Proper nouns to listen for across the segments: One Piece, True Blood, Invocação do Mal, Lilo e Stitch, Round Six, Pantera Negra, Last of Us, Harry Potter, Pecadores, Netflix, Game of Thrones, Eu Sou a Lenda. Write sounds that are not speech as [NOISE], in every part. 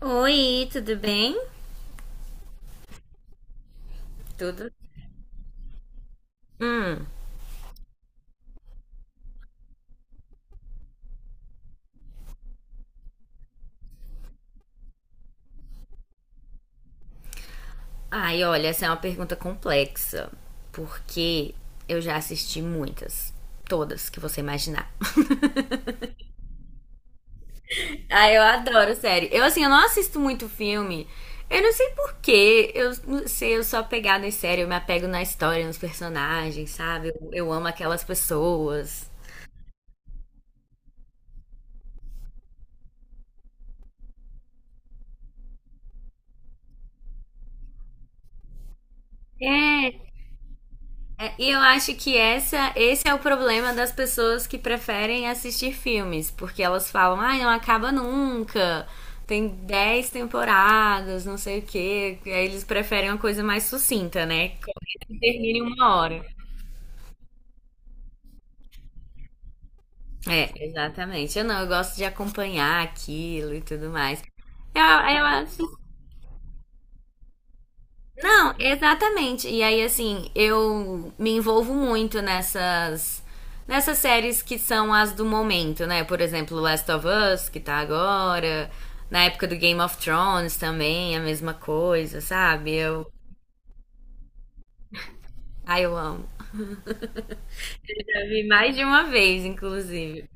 Oi, tudo bem? Tudo? Hum. Ai, olha, essa é uma pergunta complexa, porque eu já assisti muitas. Todas que você imaginar. [LAUGHS] Ai, eu adoro, sério. Eu, assim, eu não assisto muito filme. Eu não sei por quê. Eu não sei, eu sou apegada em série. Eu me apego na história, nos personagens, sabe? Eu amo aquelas pessoas. É. É, e eu acho que esse é o problema das pessoas que preferem assistir filmes, porque elas falam, ai, não acaba nunca, tem 10 temporadas, não sei o quê. E aí eles preferem uma coisa mais sucinta, né? Que termine em uma hora. É, exatamente. Eu não, eu gosto de acompanhar aquilo e tudo mais. Eu acho Não, exatamente. E aí, assim, eu me envolvo muito nessas. Nessas séries que são as do momento, né? Por exemplo, Last of Us, que tá agora. Na época do Game of Thrones também, a mesma coisa, sabe? Eu. Ai, eu amo. Já vi mais de uma vez, inclusive.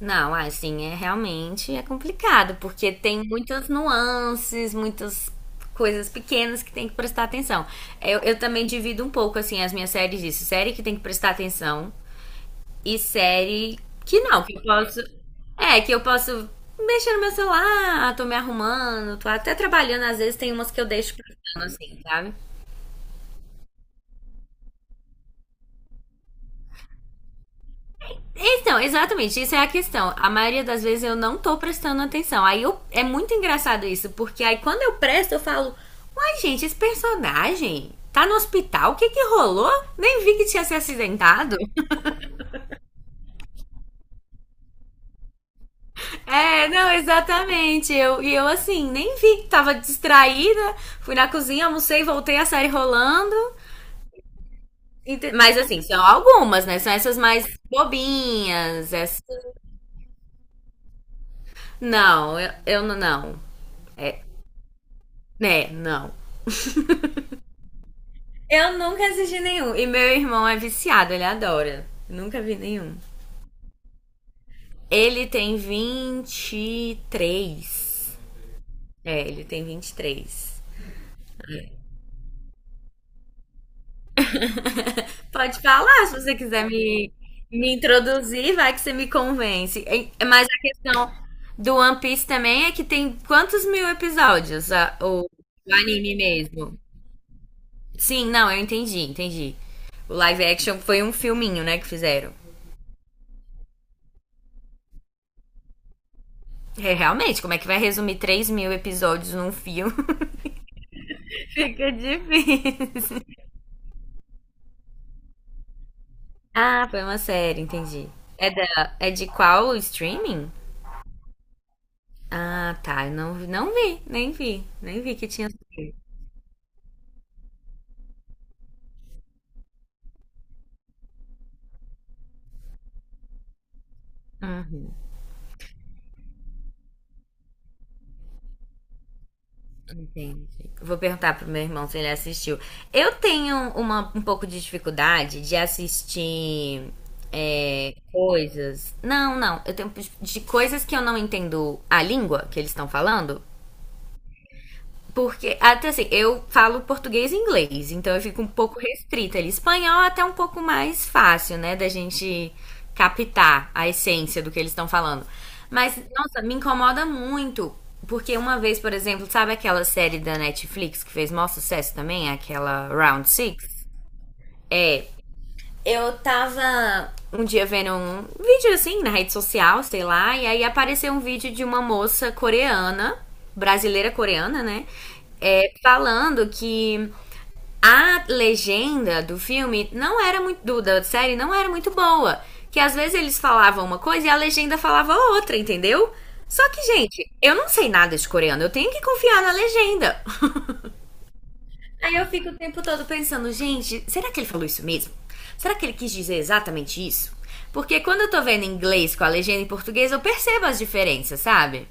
Não, assim, realmente é complicado, porque tem muitas nuances, muitas coisas pequenas que tem que prestar atenção. Eu também divido um pouco, assim, as minhas séries disso. Série que tem que prestar atenção e série que não, que eu posso... É, que eu posso mexer no meu celular, tô me arrumando, tô até trabalhando. Às vezes tem umas que eu deixo passando, assim, sabe? Então, exatamente, isso é a questão. A maioria das vezes eu não tô prestando atenção. É muito engraçado isso, porque aí quando eu presto, eu falo: uai, gente, esse personagem tá no hospital? O que que rolou? Nem vi que tinha se acidentado. É, não, exatamente. Assim, nem vi, tava distraída. Fui na cozinha, almocei, voltei a série rolando. Mas assim, são algumas, né? São essas mais bobinhas. Essas... Não, eu não. Não. É, né, não. Eu nunca assisti nenhum. E meu irmão é viciado, ele adora. Nunca vi nenhum. Ele tem 23. É, ele tem 23. Pode falar se você quiser me introduzir, vai que você me convence. Mas a questão do One Piece também é que tem quantos mil episódios o anime mesmo? Sim, não, eu entendi, entendi. O live action foi um filminho, né, que fizeram. É, realmente, como é que vai resumir 3 mil episódios num filme? Fica difícil. [LAUGHS] Ah, foi uma série, entendi. É de qual streaming? Ah, tá. Eu não, não vi, nem vi. Nem vi que tinha saído. Uhum, entendi. Vou perguntar pro meu irmão se ele assistiu. Eu tenho um pouco de dificuldade de assistir, é, coisas. Não, não. Eu tenho, de coisas que eu não entendo a língua que eles estão falando. Porque, até assim, eu falo português e inglês, então eu fico um pouco restrita ali. Espanhol é até um pouco mais fácil, né, da gente captar a essência do que eles estão falando. Mas, nossa, me incomoda muito, porque uma vez, por exemplo, sabe aquela série da Netflix que fez maior sucesso também? Aquela Round Six? É, eu tava um dia vendo um vídeo assim na rede social, sei lá, e aí apareceu um vídeo de uma moça coreana, brasileira coreana, né? É, falando que a legenda do filme não era muito. Da série não era muito boa. Que às vezes eles falavam uma coisa e a legenda falava outra, entendeu? Só que, gente, eu não sei nada de coreano, eu tenho que confiar na legenda. [LAUGHS] Aí eu fico o tempo todo pensando, gente, será que ele falou isso mesmo? Será que ele quis dizer exatamente isso? Porque quando eu tô vendo em inglês com a legenda em português, eu percebo as diferenças, sabe?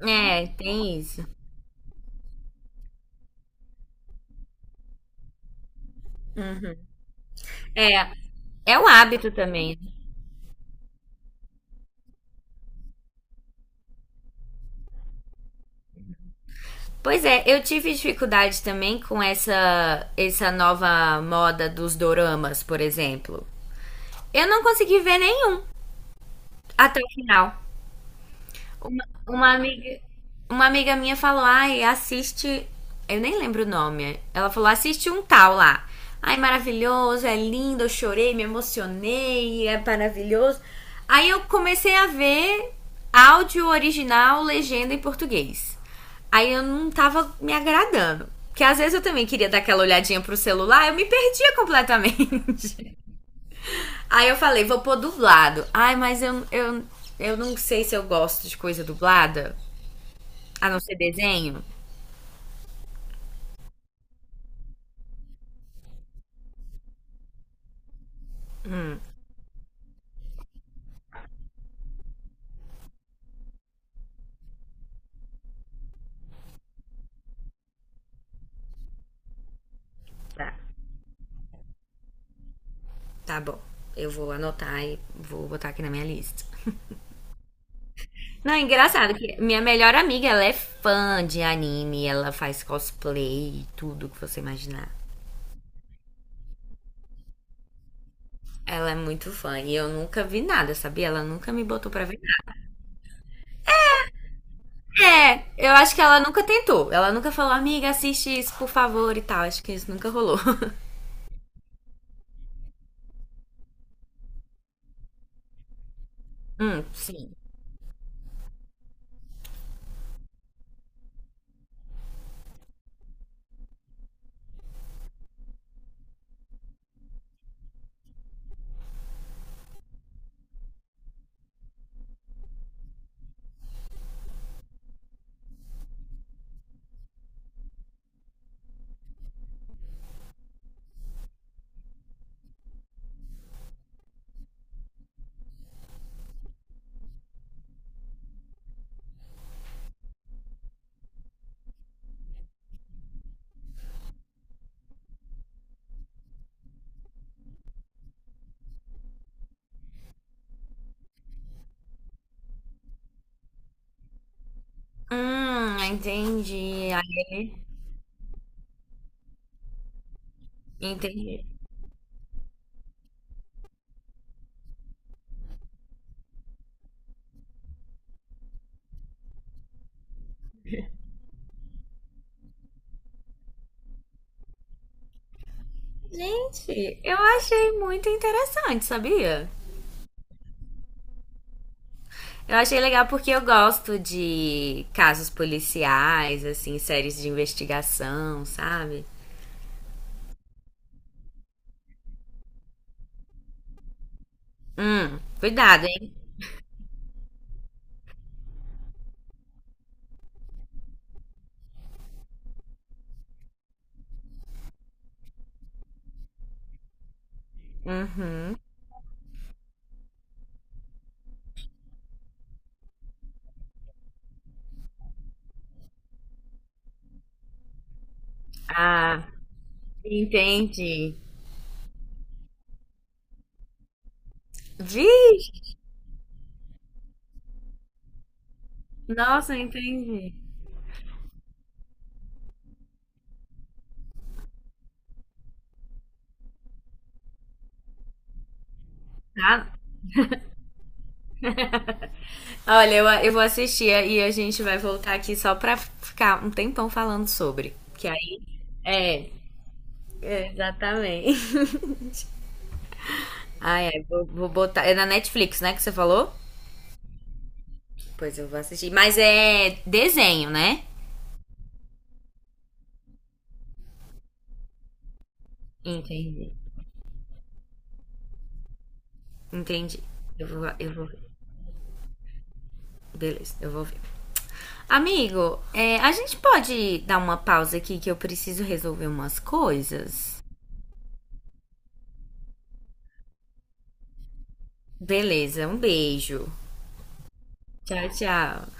É, tem isso. É um hábito também. Pois é, eu tive dificuldade também com essa nova moda dos doramas, por exemplo. Eu não consegui ver nenhum até o final. Uma amiga uma amiga minha falou, ai, assiste. Eu nem lembro o nome. Ela falou, assiste um tal lá. Ai, maravilhoso, é lindo, eu chorei, me emocionei, é maravilhoso. Aí eu comecei a ver áudio original, legenda em português. Aí eu não tava me agradando. Porque às vezes eu também queria dar aquela olhadinha pro celular, eu me perdia completamente. [LAUGHS] Aí eu falei, vou pôr dublado. Ai, mas eu não sei se eu gosto de coisa dublada. A não ser desenho? Tá. Tá bom. Eu vou anotar e vou botar aqui na minha lista. Não, é engraçado que minha melhor amiga, ela é fã de anime, ela faz cosplay, tudo que você imaginar. Ela é muito fã e eu nunca vi nada, sabia? Ela nunca me botou pra ver nada. É, eu acho que ela nunca tentou. Ela nunca falou, amiga, assiste isso, por favor, e tal. Acho que isso nunca rolou. [LAUGHS] Sim. Entendi. Ai. Entendi. Gente, eu achei muito interessante, sabia? Eu achei legal porque eu gosto de casos policiais, assim, séries de investigação, sabe? Cuidado, hein? Uhum. Ah, entendi. Vixe, nossa, entendi. Tá? Olha, eu vou assistir e a gente vai voltar aqui só pra ficar um tempão falando sobre. Que aí. É, é, exatamente. [LAUGHS] Ah, é, vou botar. É na Netflix, né, que você falou? Pois eu vou assistir. Mas é desenho, né? Entendi. Entendi. Eu vou ver. Beleza, eu vou ver. Amigo, é, a gente pode dar uma pausa aqui que eu preciso resolver umas coisas? Beleza, um beijo. Tchau, tchau.